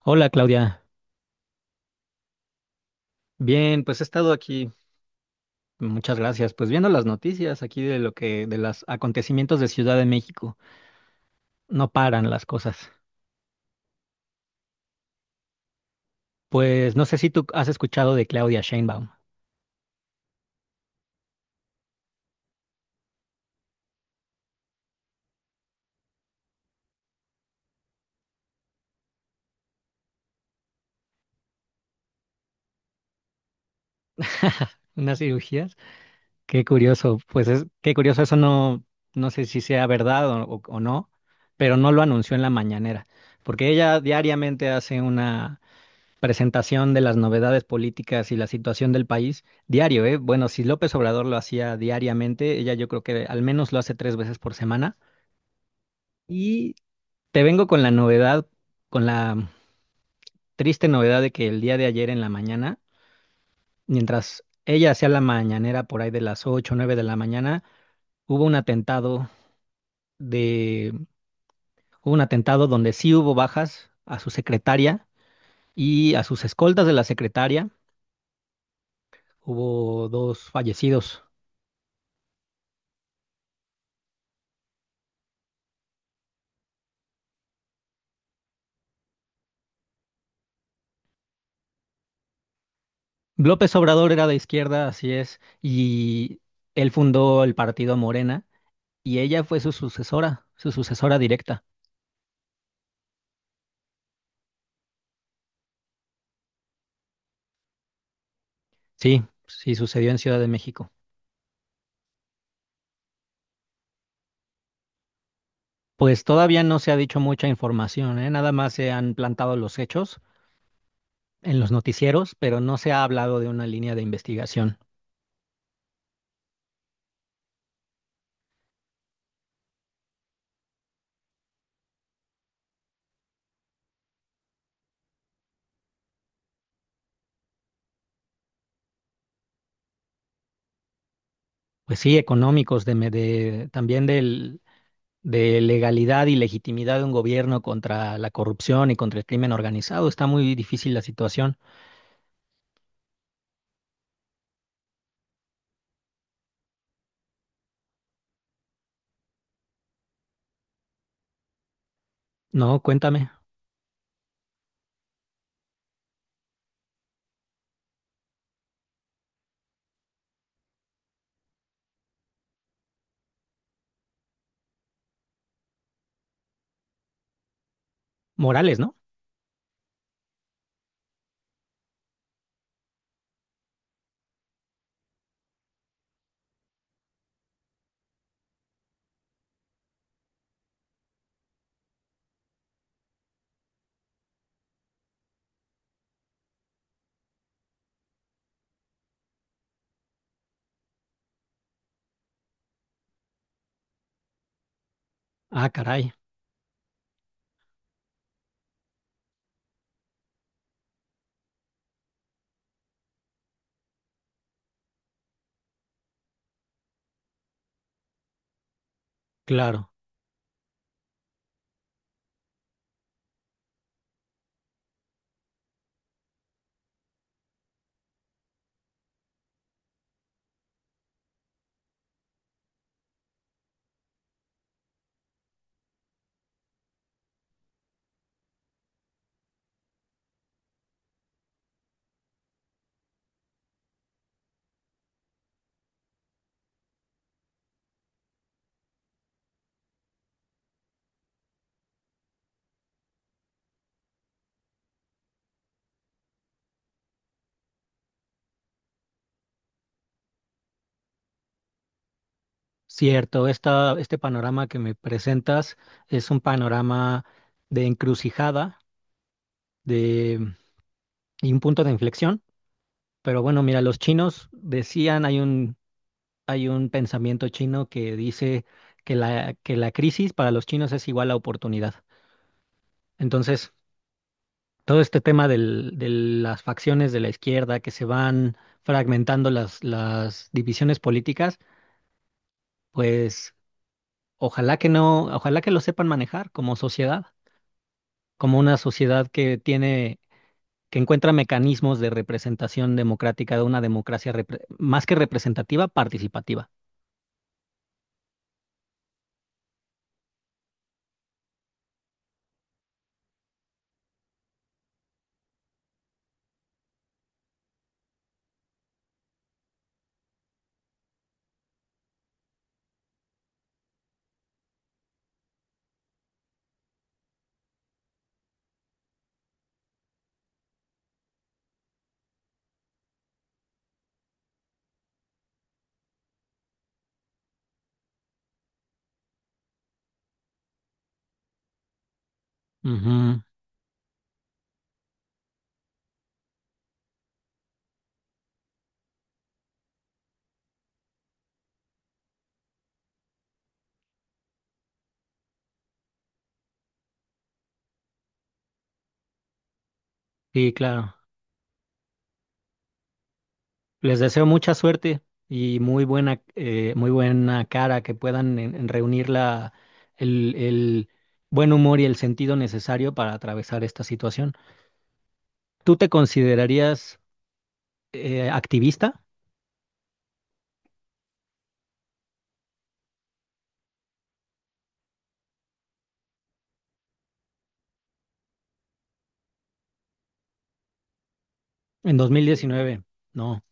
Hola Claudia, bien, pues he estado aquí, muchas gracias, pues viendo las noticias aquí de los acontecimientos de Ciudad de México, no paran las cosas. Pues no sé si tú has escuchado de Claudia Sheinbaum. Unas cirugías, qué curioso, eso no, no sé si sea verdad o no, pero no lo anunció en la mañanera, porque ella diariamente hace una presentación de las novedades políticas y la situación del país diario, ¿eh? Bueno, si López Obrador lo hacía diariamente, ella yo creo que al menos lo hace tres veces por semana. Y te vengo con la novedad, con la triste novedad de que el día de ayer en la mañana, mientras ella hacía la mañanera por ahí de las 8, o 9 de la mañana, hubo un atentado de, hubo un atentado donde sí hubo bajas a su secretaria y a sus escoltas de la secretaria. Hubo dos fallecidos. López Obrador era de izquierda, así es, y él fundó el partido Morena y ella fue su sucesora directa. Sí, sí sucedió en Ciudad de México. Pues todavía no se ha dicho mucha información, ¿eh? Nada más se han plantado los hechos en los noticieros, pero no se ha hablado de una línea de investigación. Pues sí, económicos, también de legalidad y legitimidad de un gobierno contra la corrupción y contra el crimen organizado. Está muy difícil la situación. No, cuéntame. Morales, ¿no? Ah, caray, claro, cierto. Este panorama que me presentas es un panorama de encrucijada de, y un punto de inflexión. Pero bueno, mira, los chinos decían, hay un pensamiento chino que dice que la crisis para los chinos es igual a oportunidad. Entonces, todo este tema de las facciones de la izquierda que se van fragmentando las divisiones políticas, pues... Ojalá que no, ojalá que lo sepan manejar como sociedad, como una sociedad que encuentra mecanismos de representación democrática, de una democracia más que representativa, participativa. Ujú. Sí, claro. Les deseo mucha suerte y muy buena cara, que puedan en reunir el buen humor y el sentido necesario para atravesar esta situación. ¿Tú te considerarías activista en 2019? No.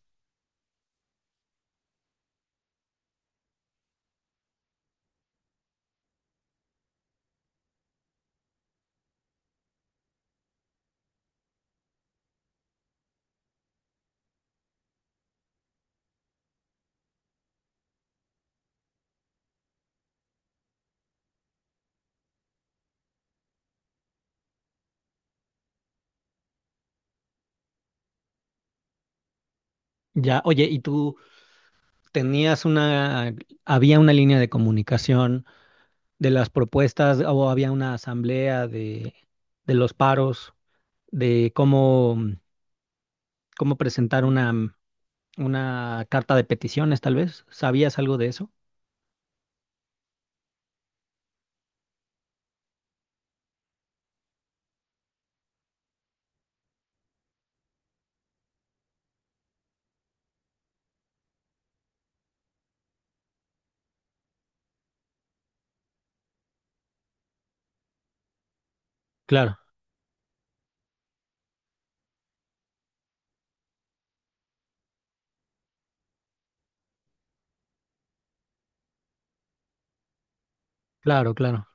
Ya, oye, ¿y tú? tenías una, había una línea de comunicación de las propuestas o había una asamblea de los paros, de cómo presentar una carta de peticiones, tal vez. ¿Sabías algo de eso? Claro, claro, claro.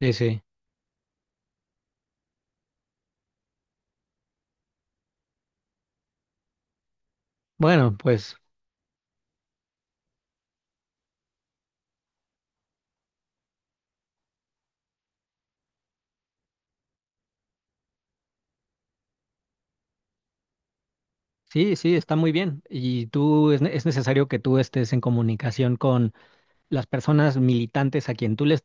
Sí, sí. Bueno, pues sí, sí, está muy bien. Y tú, es necesario que tú estés en comunicación con las personas militantes a quien tú les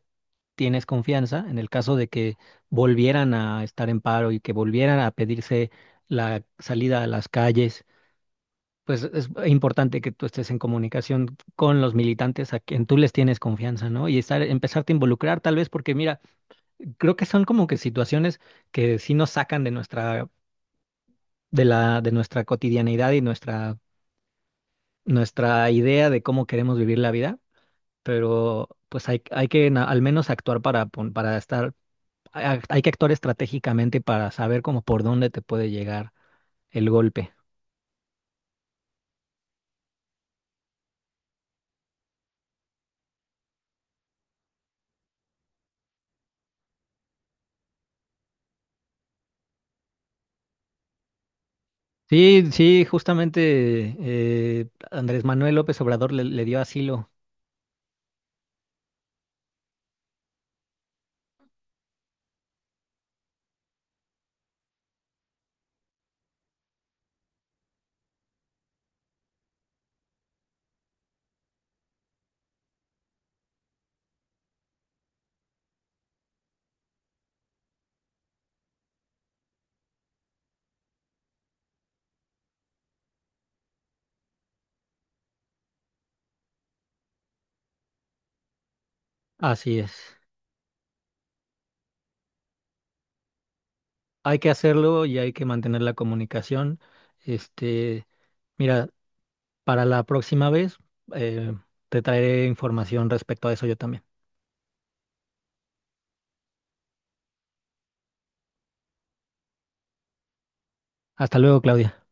tienes confianza en el caso de que volvieran a estar en paro y que volvieran a pedirse la salida a las calles, pues es importante que tú estés en comunicación con los militantes a quien tú les tienes confianza, ¿no? Y estar, empezarte a involucrar tal vez porque mira, creo que son como que situaciones que sí nos sacan de nuestra cotidianidad y nuestra idea de cómo queremos vivir la vida, pero pues hay que al menos actuar para, pon- para estar a- hay que actuar estratégicamente para saber como por dónde te puede llegar el golpe. Sí, sí, justamente Andrés Manuel López Obrador le dio asilo. Así es. Hay que hacerlo y hay que mantener la comunicación. Este, mira, para la próxima vez eh, te traeré información respecto a eso yo también. Hasta luego, Claudia.